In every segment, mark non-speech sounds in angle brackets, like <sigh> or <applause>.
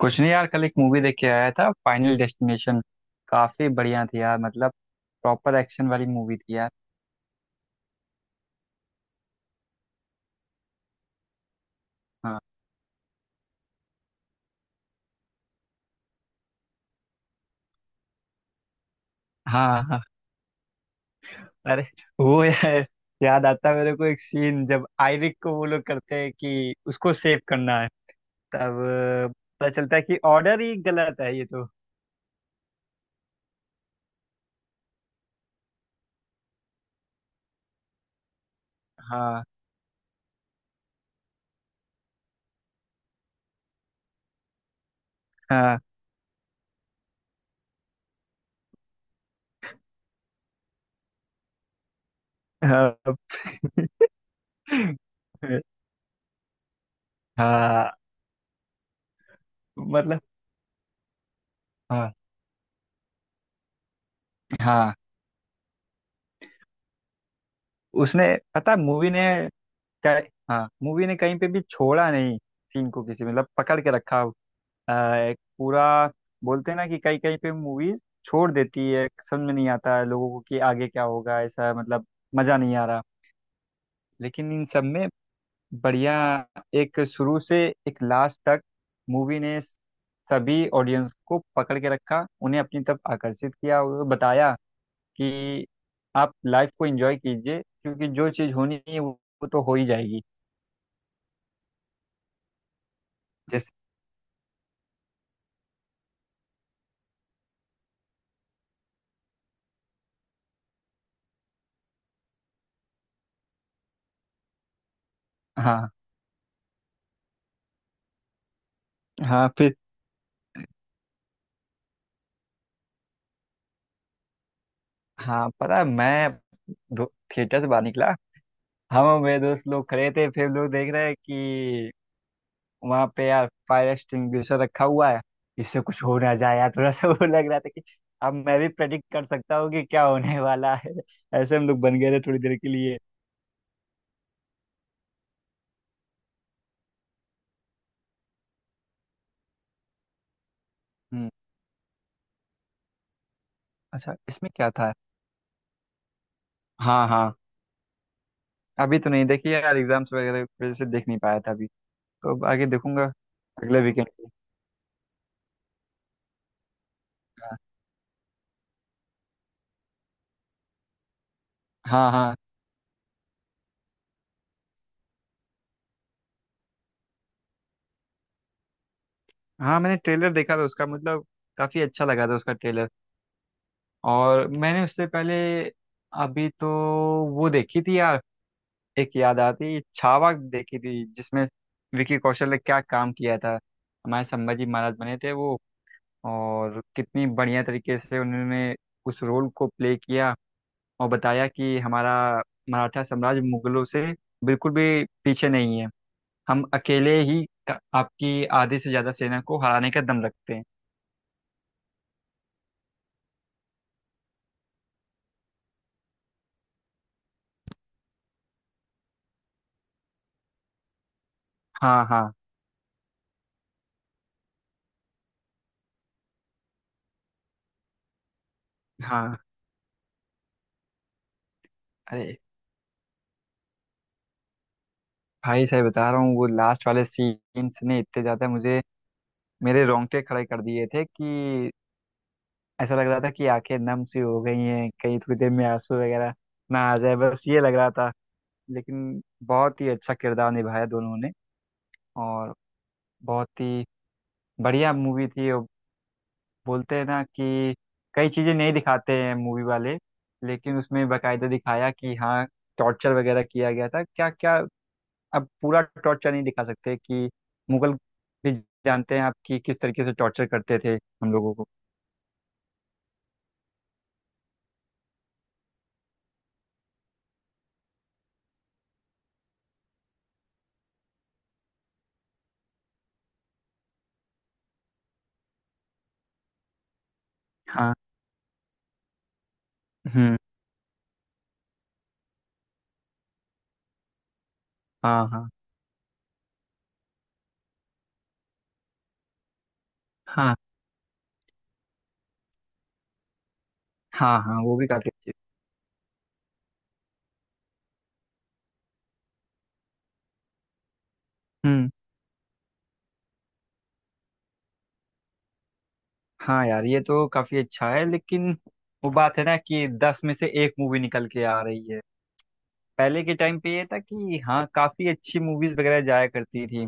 कुछ नहीं यार। कल एक मूवी देख के आया था, फाइनल डेस्टिनेशन। काफी बढ़िया थी यार, मतलब प्रॉपर एक्शन वाली मूवी थी यार। हाँ। हाँ। हाँ। अरे वो यार, याद आता है मेरे को एक सीन, जब आयरिक को वो लोग करते हैं कि उसको सेव करना है, तब अ, पता चलता है कि ऑर्डर ही गलत है ये तो। हाँ। हाँ। हाँ। <laughs> हाँ, मतलब। हाँ। हाँ। उसने पता मूवी ने हाँ, मूवी ने कहीं पे भी छोड़ा नहीं। सीन को किसी मतलब पकड़ के रखा। एक पूरा बोलते हैं ना कि कहीं कहीं पे मूवीज छोड़ देती है, समझ में नहीं आता है लोगों को कि आगे क्या होगा, ऐसा। मतलब मजा नहीं आ रहा, लेकिन इन सब में बढ़िया। एक शुरू से एक लास्ट तक मूवी ने सभी ऑडियंस को पकड़ के रखा, उन्हें अपनी तरफ आकर्षित किया और बताया कि आप लाइफ को एंजॉय कीजिए क्योंकि जो चीज़ होनी है वो तो हो ही जाएगी। जैसे। हाँ। हाँ फिर। हाँ, पता है मैं दो- थिएटर से बाहर निकला, हम और मेरे दोस्त लोग खड़े थे, फिर लोग देख रहे हैं कि वहाँ पे यार फायर एक्सटिंग्विशर रखा हुआ है, इससे कुछ हो ना जाए यार, थोड़ा सा वो लग रहा था कि अब मैं भी प्रेडिक्ट कर सकता हूँ कि क्या होने वाला है। ऐसे हम लोग बन गए थे थोड़ी देर के लिए। हम्म। अच्छा, इसमें क्या था? हाँ हाँ। अभी तो नहीं देखी यार, एग्जाम्स वगैरह की वजह से देख नहीं पाया था अभी, तो अब आगे देखूंगा अगले वीकेंड। हाँ। हाँ। हाँ। हाँ, मैंने ट्रेलर देखा था उसका, मतलब काफी अच्छा लगा था उसका ट्रेलर। और मैंने उससे पहले अभी तो वो देखी थी यार, एक याद आती छावा देखी थी जिसमें विकी कौशल ने क्या काम किया था, हमारे संभाजी महाराज बने थे वो। और कितनी बढ़िया तरीके से उन्होंने उस रोल को प्ले किया और बताया कि हमारा मराठा साम्राज्य मुगलों से बिल्कुल भी पीछे नहीं है, हम अकेले ही आपकी आधी से ज्यादा सेना को हराने का दम रखते हैं। हाँ। हाँ। हाँ। अरे भाई साहब, बता रहा हूँ वो लास्ट वाले सीन्स ने इतने ज्यादा मुझे मेरे रोंगटे खड़े कर दिए थे कि ऐसा लग रहा था कि आंखें नम सी हो गई हैं, कहीं थोड़ी देर में आंसू वगैरह ना आ जाए, बस ये लग रहा था। लेकिन बहुत ही अच्छा किरदार निभाया दोनों ने। और बहुत ही बढ़िया मूवी थी। और बोलते हैं ना कि कई चीजें नहीं दिखाते हैं मूवी वाले, लेकिन उसमें बकायदा दिखाया कि हाँ, टॉर्चर वगैरह किया गया था, क्या क्या। अब पूरा टॉर्चर नहीं दिखा सकते कि मुगल भी जानते हैं आप कि किस तरीके से टॉर्चर करते थे हम लोगों को। हाँ। हम्म। हाँ। हाँ। हाँ। हाँ। हाँ, वो भी काफी अच्छी। हम्म। हाँ यार, ये तो काफी अच्छा है। लेकिन वो बात है ना कि 10 में से एक मूवी निकल के आ रही है। पहले के टाइम पे ये था कि हाँ, काफी अच्छी मूवीज वगैरह जाया करती थी।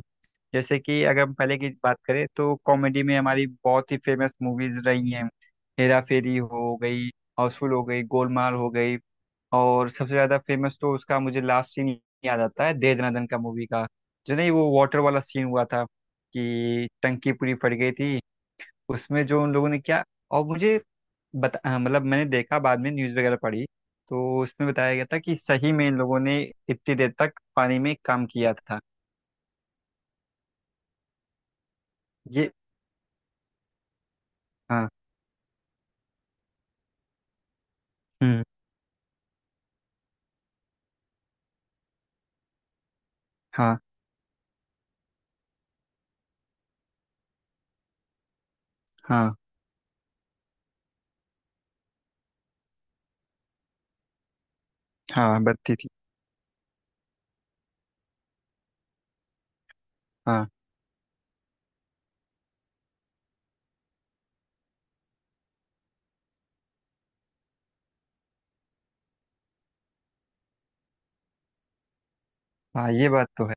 जैसे कि अगर हम पहले की बात करें, तो कॉमेडी में हमारी बहुत ही फेमस मूवीज रही हैं। हेरा फेरी हो गई, हाउसफुल हो गई, गोलमाल हो गई। और सबसे ज्यादा फेमस तो उसका मुझे लास्ट सीन याद आता है, दे दना दन का मूवी का। जो नहीं वो वाटर वाला सीन हुआ था, कि टंकी पूरी फट गई थी, उसमें जो उन लोगों ने किया। और मुझे बता हाँ, मतलब मैंने देखा बाद में न्यूज़ वगैरह पढ़ी, तो उसमें बताया गया था कि सही में इन लोगों ने इतनी देर तक पानी में काम किया था। ये। हाँ। हम्म। हाँ। हाँ। हाँ बत्ती थी। हाँ। हाँ ये बात तो है।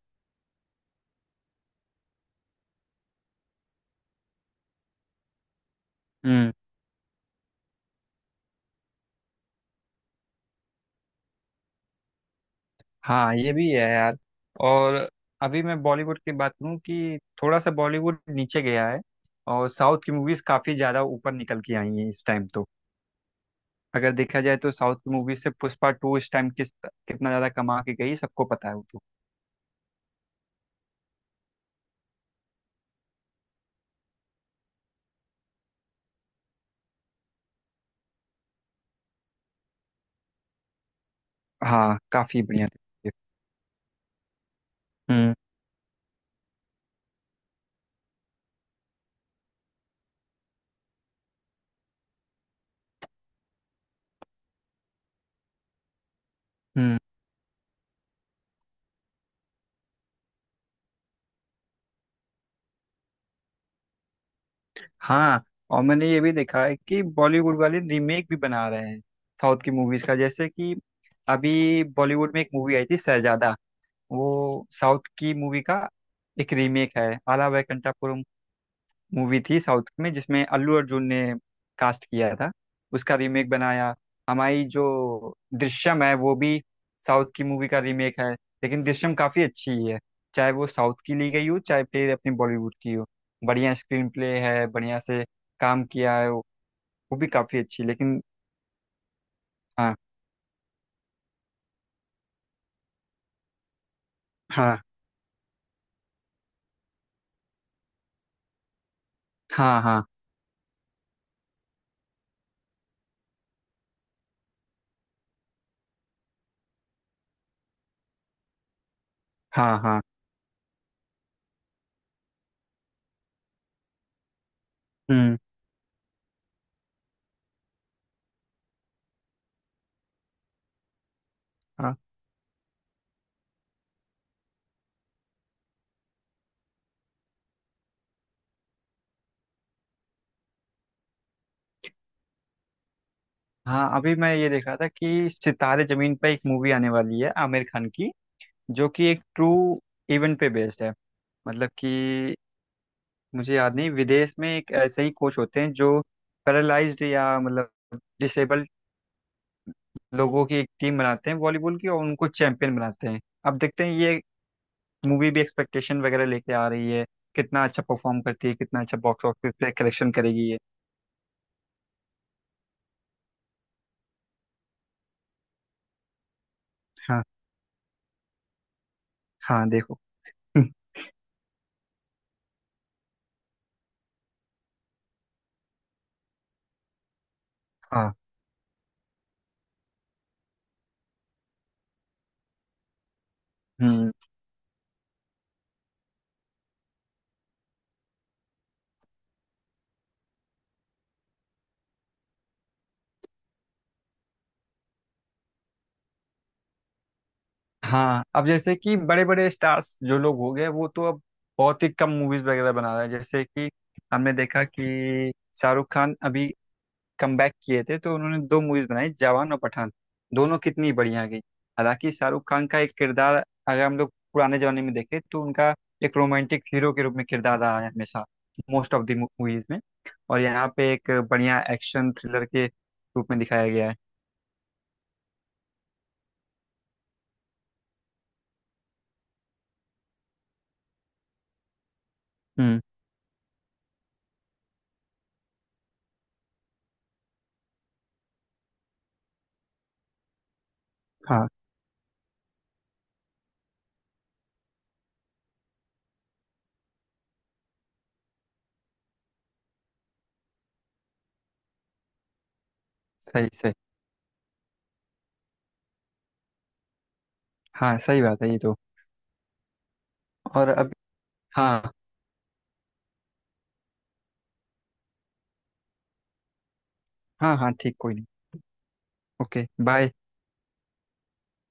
हम्म। हाँ ये भी है यार। और अभी मैं बॉलीवुड की बात करूँ कि थोड़ा सा बॉलीवुड नीचे गया है, और साउथ की मूवीज काफी ज्यादा ऊपर निकल के आई हैं इस टाइम तो। अगर देखा जाए तो साउथ की मूवीज से पुष्पा टू इस टाइम किस कितना ज्यादा कमा के गई सबको पता है वो तो। हाँ, काफी बढ़िया थी। हम्म। हम्म। हाँ, और मैंने ये भी देखा है कि बॉलीवुड वाले रीमेक भी बना रहे हैं साउथ की मूवीज का। जैसे कि अभी बॉलीवुड में एक मूवी आई थी, शहजादा। वो साउथ की मूवी का एक रीमेक है। आला वैकुंठपुरम मूवी थी साउथ में, जिसमें अल्लू अर्जुन ने कास्ट किया था। उसका रीमेक बनाया। हमारी जो दृश्यम है वो भी साउथ की मूवी का रीमेक है, लेकिन दृश्यम काफ़ी अच्छी है। चाहे वो साउथ की ली गई हो, चाहे फिर अपनी बॉलीवुड की हो, बढ़िया स्क्रीन प्ले है, बढ़िया से काम किया है, वो भी काफ़ी अच्छी। लेकिन हाँ। हाँ। हाँ। हाँ। हाँ। हाँ। हम्म। हाँ। हाँ, अभी मैं ये देख रहा था कि सितारे जमीन पर एक मूवी आने वाली है आमिर खान की, जो कि एक ट्रू इवेंट पे बेस्ड है। मतलब कि मुझे याद नहीं, विदेश में एक ऐसे ही कोच होते हैं जो पैरालाइज्ड या मतलब डिसेबल्ड लोगों की एक टीम बनाते हैं वॉलीबॉल की, और उनको चैंपियन बनाते हैं। अब देखते हैं ये मूवी भी एक्सपेक्टेशन वगैरह लेके आ रही है, कितना अच्छा परफॉर्म करती है, कितना अच्छा बॉक्स ऑफिस पे कलेक्शन करेगी ये। हाँ। हाँ, देखो। <laughs> हाँ। हम्म। हाँ, अब जैसे कि बड़े बड़े स्टार्स जो लोग हो गए वो तो अब बहुत ही कम मूवीज वगैरह बना रहे हैं। जैसे कि हमने देखा कि शाहरुख खान अभी कमबैक किए थे, तो उन्होंने 2 मूवीज बनाई, जवान और पठान। दोनों कितनी बढ़िया गई। हालांकि शाहरुख खान का एक किरदार, अगर हम लोग पुराने जमाने में देखें तो उनका एक रोमांटिक हीरो के रूप में किरदार रहा है हमेशा, मोस्ट ऑफ द मूवीज में। और यहाँ पे एक बढ़िया एक्शन थ्रिलर के रूप में दिखाया गया है। हम्म। हाँ सही सही। हाँ सही बात है ये तो। और हाँ। हाँ हाँ ठीक, कोई नहीं। Okay bye.